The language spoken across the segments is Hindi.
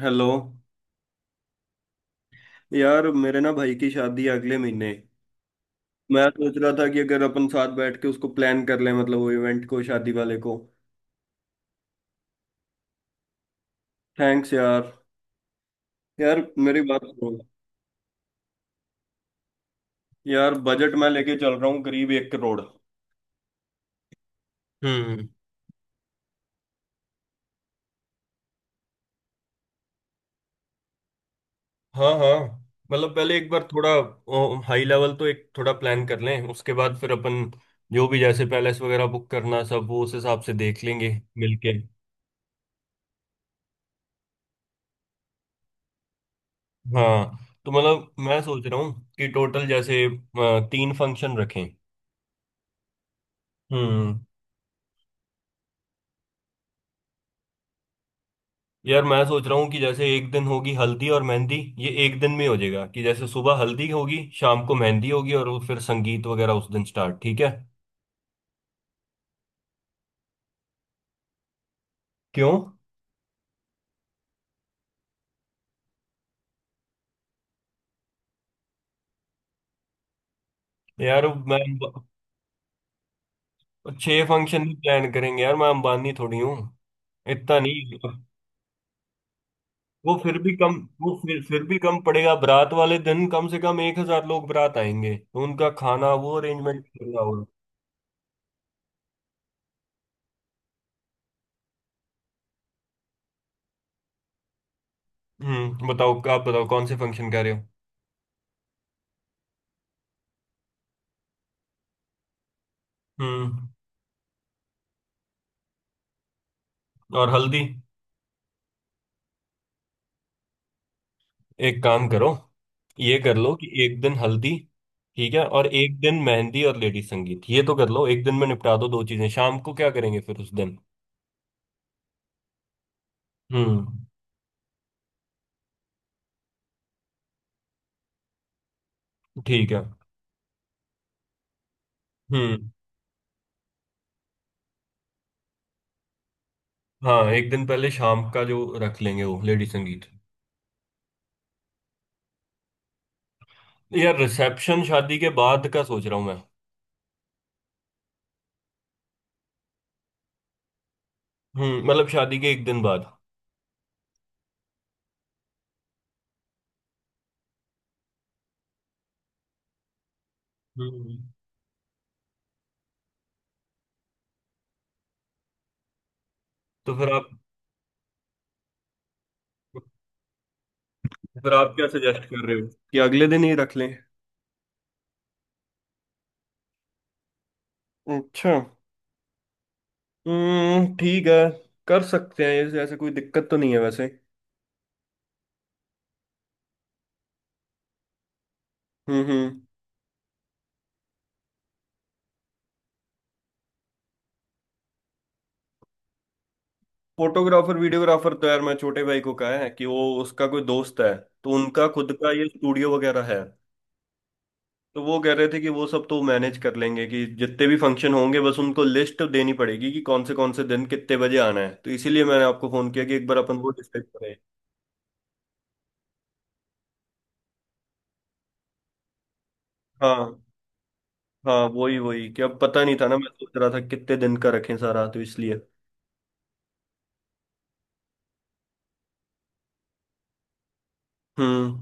हेलो यार मेरे ना भाई की शादी है अगले महीने। मैं सोच रहा था कि अगर अपन साथ बैठ के उसको प्लान कर लें मतलब वो इवेंट को शादी वाले को। थैंक्स यार। यार मेरी बात सुनो। यार बजट मैं लेके चल रहा हूँ करीब 1 करोड़। हम्म। हाँ हाँ। मतलब पहले एक बार थोड़ा हाई लेवल तो एक थोड़ा प्लान कर लें उसके बाद फिर अपन जो भी जैसे पैलेस वगैरह बुक करना सब वो उस हिसाब से देख लेंगे। मिलके हाँ। तो मतलब मैं सोच रहा हूँ कि टोटल जैसे तीन फंक्शन रखें। हम्म। यार मैं सोच रहा हूँ कि जैसे एक दिन होगी हल्दी और मेहंदी। ये एक दिन में हो जाएगा कि जैसे सुबह हल्दी होगी शाम को मेहंदी होगी और वो फिर संगीत वगैरह उस दिन स्टार्ट। ठीक है। क्यों? यार मैं छह फंक्शन भी प्लान करेंगे, यार मैं अंबानी थोड़ी हूँ। इतना नहीं। वो फिर भी कम। वो फिर भी कम पड़ेगा, बारात वाले दिन कम से कम 1,000 लोग बारात आएंगे तो उनका खाना वो अरेंजमेंट करना होगा। हम्म। बताओ आप बताओ कौन से फंक्शन कह रहे हो। हम्म। और हल्दी। एक काम करो। ये कर लो कि एक दिन हल्दी ठीक है, और एक दिन मेहंदी और लेडी संगीत, ये तो कर लो, एक दिन में निपटा दो दो चीजें। शाम को क्या करेंगे फिर उस दिन? हम्म ठीक है। हम्म हाँ। एक दिन पहले शाम का जो रख लेंगे वो लेडी संगीत। यार रिसेप्शन शादी के बाद का सोच रहा हूँ मैं। हम्म, मतलब शादी के एक दिन बाद। हम्म। तो फिर आप, फिर आप क्या सजेस्ट कर रहे हो कि अगले दिन ही रख लें? अच्छा। ठीक है। कर सकते हैं ऐसे, ऐसे कोई दिक्कत तो नहीं है वैसे। हम्म। फोटोग्राफर वीडियोग्राफर तो यार मैं छोटे भाई को कहा है कि वो उसका कोई दोस्त है, तो उनका खुद का ये स्टूडियो वगैरह है। तो वो कह रहे थे कि वो सब तो मैनेज कर लेंगे कि जितने भी फंक्शन होंगे बस उनको लिस्ट देनी पड़ेगी कि कौन से दिन कितने बजे आना है, तो इसीलिए मैंने आपको फोन किया कि एक बार अपन वो डिस्कस करें। हाँ हाँ वही वही कि अब पता नहीं था ना, मैं सोच रहा था कितने दिन का रखें सारा तो इसलिए। हम्म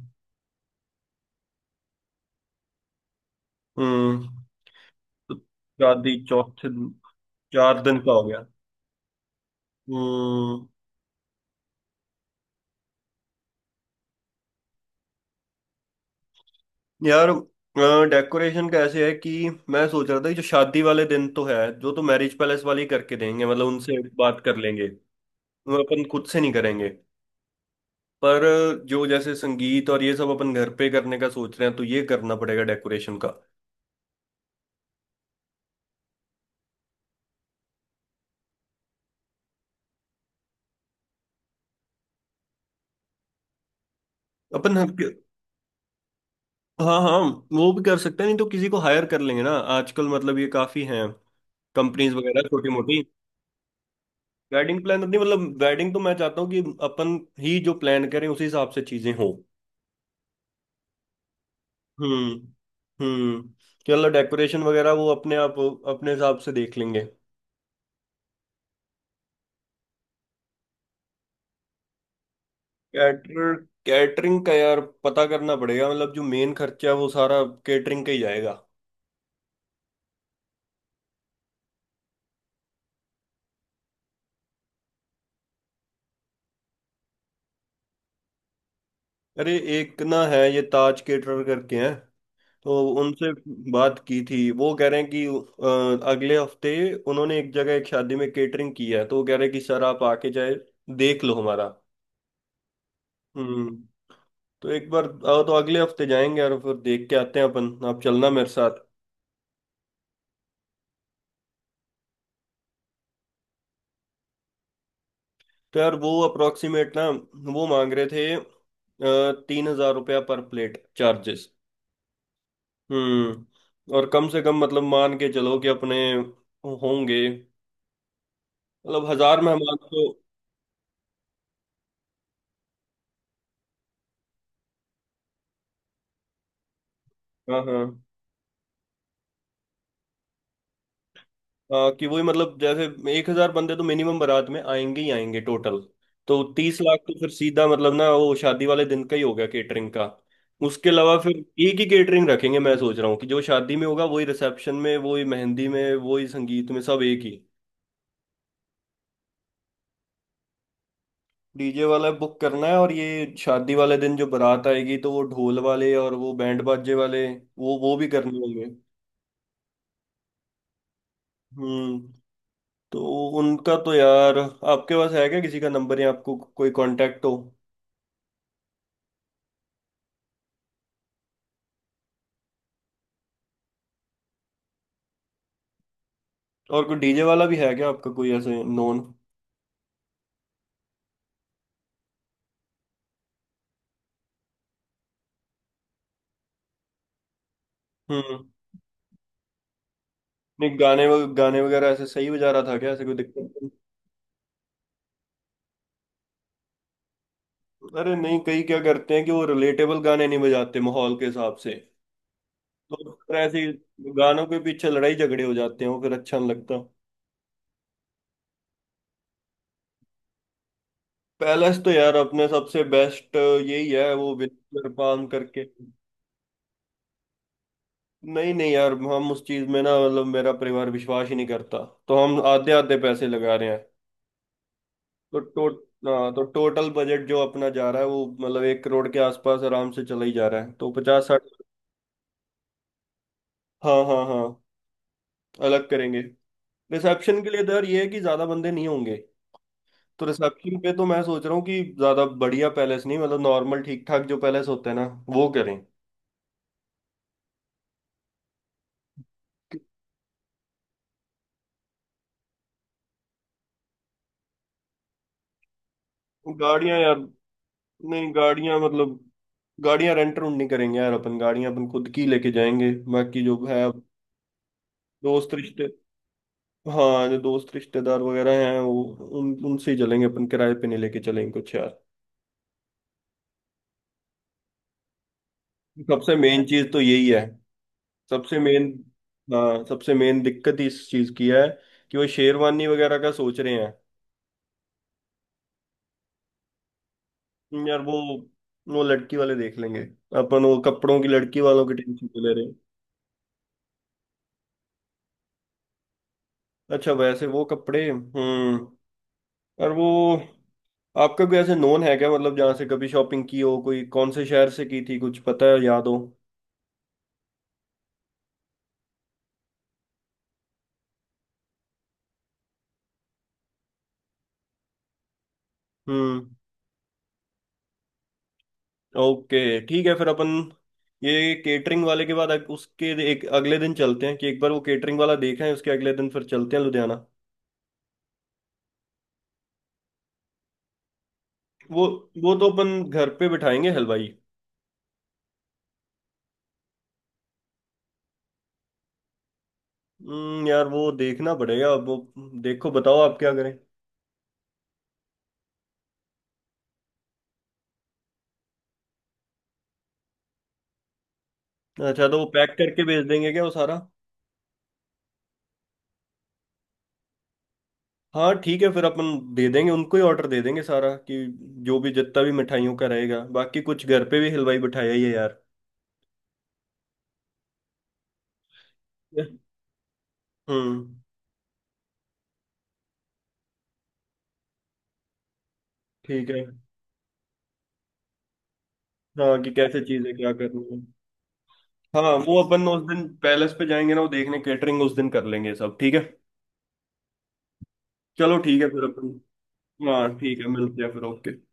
हम्म। तो शादी चौथे दिन- चार दिन का हो गया। हम्म। यार डेकोरेशन का ऐसे है कि मैं सोच रहा था कि जो शादी वाले दिन तो है जो तो मैरिज पैलेस वाले ही करके देंगे, मतलब उनसे बात कर लेंगे। वो अपन खुद से नहीं करेंगे। पर जो जैसे संगीत और ये सब अपन घर पे करने का सोच रहे हैं तो ये करना पड़ेगा डेकोरेशन का। अपन हम। हाँ हाँ वो भी कर सकते हैं, नहीं तो किसी को हायर कर लेंगे ना। आजकल मतलब ये काफी हैं कंपनीज वगैरह छोटी मोटी। वेडिंग प्लानर नहीं, मतलब वेडिंग तो मैं चाहता हूँ कि अपन ही जो प्लान करें उसी हिसाब से चीजें हों। हम्म हम्म। चलो डेकोरेशन वगैरह वो अपने आप अपने हिसाब से देख लेंगे। कैटर कैटरिंग का यार पता करना पड़ेगा, मतलब जो मेन खर्चा है वो सारा कैटरिंग का ही जाएगा। अरे एक ना है ये ताज केटरर करके हैं, तो उनसे बात की थी, वो कह रहे हैं कि अगले हफ्ते उन्होंने एक जगह एक शादी में केटरिंग की है, तो वो कह रहे हैं कि सर आप आके जाए देख लो हमारा। हम्म। तो एक बार आओ तो अगले हफ्ते जाएंगे और फिर देख के आते हैं अपन, आप चलना मेरे साथ। तो यार वो अप्रोक्सीमेट ना वो मांग रहे थे 3,000 रुपया पर प्लेट चार्जेस। और कम से कम मतलब मान के चलो कि अपने होंगे, मतलब हजार मेहमान तो। हाँ हाँ हाँ, कि वही मतलब जैसे 1,000 बंदे तो मिनिमम बारात में आएंगे ही आएंगे टोटल। तो 30 लाख तो फिर सीधा मतलब ना वो शादी वाले दिन का ही हो गया केटरिंग का। उसके अलावा फिर एक ही केटरिंग रखेंगे, मैं सोच रहा हूँ कि जो शादी में होगा वही रिसेप्शन में वही मेहंदी में वही संगीत में, सब एक ही। डीजे वाला बुक करना है और ये शादी वाले दिन जो बारात आएगी तो वो ढोल वाले और वो बैंड बाजे वाले, वो भी करने होंगे। हम्म। तो उनका तो यार आपके पास है क्या किसी का नंबर, या आपको कोई कांटेक्ट हो? और कोई डीजे वाला भी है क्या आपका, कोई ऐसे नोन? हम्म। नहीं गाने वगैरह ऐसे सही बजा रहा था क्या, ऐसे कोई दिक्कत नहीं? अरे नहीं कई क्या करते हैं कि वो रिलेटेबल गाने नहीं बजाते माहौल के हिसाब से। तो फिर ऐसे ही गानों के पीछे लड़ाई झगड़े हो जाते हैं, वो फिर अच्छा नहीं लगता। पैलेस तो यार अपने सबसे बेस्ट यही है वो विनिगर पाम करके। नहीं नहीं यार, हम उस चीज में ना मतलब मेरा परिवार विश्वास ही नहीं करता, तो हम आधे आधे पैसे लगा रहे हैं। तो टो हाँ तो टोटल बजट जो अपना जा रहा है वो मतलब 1 करोड़ के आसपास आराम से चला ही जा रहा है, तो पचास साठ। हाँ हाँ हाँ, अलग करेंगे। रिसेप्शन के लिए तो यार ये है कि ज्यादा बंदे नहीं होंगे। तो रिसेप्शन पे तो मैं सोच रहा हूँ कि ज्यादा बढ़िया पैलेस नहीं, मतलब नॉर्मल ठीक ठाक जो पैलेस होते हैं ना वो करें। गाड़ियां यार, नहीं गाड़ियां मतलब गाड़ियां रेंट रूंट नहीं करेंगे यार, अपन गाड़ियां अपन खुद की लेके जाएंगे। बाकी जो है दोस्त रिश्ते। हाँ जो दोस्त रिश्तेदार वगैरह हैं वो उन उनसे ही चलेंगे, अपन किराए पे नहीं लेके चलेंगे कुछ यार। सबसे मेन चीज तो यही है, सबसे मेन। हाँ सबसे मेन दिक्कत ही इस चीज की है कि वो शेरवानी वगैरह का सोच रहे हैं। यार वो लड़की वाले देख लेंगे। अपन वो कपड़ों की लड़की वालों की टेंशन ले रहे हैं। अच्छा वैसे वो कपड़े। हम्म। और वो आपका कोई ऐसे नोन है क्या, मतलब जहाँ से कभी शॉपिंग की हो, कोई कौन से शहर से की थी कुछ पता है याद हो? हम्म ओके ठीक है, फिर अपन ये केटरिंग वाले के बाद उसके एक अगले दिन चलते हैं कि एक बार वो केटरिंग वाला देखा है उसके अगले दिन फिर चलते हैं लुधियाना। वो वो तो अपन घर पे बिठाएंगे हलवाई। यार वो देखना पड़ेगा अब, वो देखो बताओ आप क्या करें। अच्छा तो वो पैक करके भेज देंगे क्या वो सारा? हाँ ठीक है, फिर अपन दे देंगे उनको ही ऑर्डर दे देंगे सारा, कि जो भी जितना भी मिठाइयों का रहेगा, बाकी कुछ घर पे भी हलवाई बिठाया ही है यार। हम्म ठीक है। हाँ कि कैसे चीज है, क्या करनी है। हाँ वो अपन उस दिन पैलेस पे जाएंगे ना वो देखने, कैटरिंग उस दिन कर लेंगे सब ठीक है। चलो ठीक है फिर अपन। हाँ ठीक है, मिलते हैं फिर, ओके।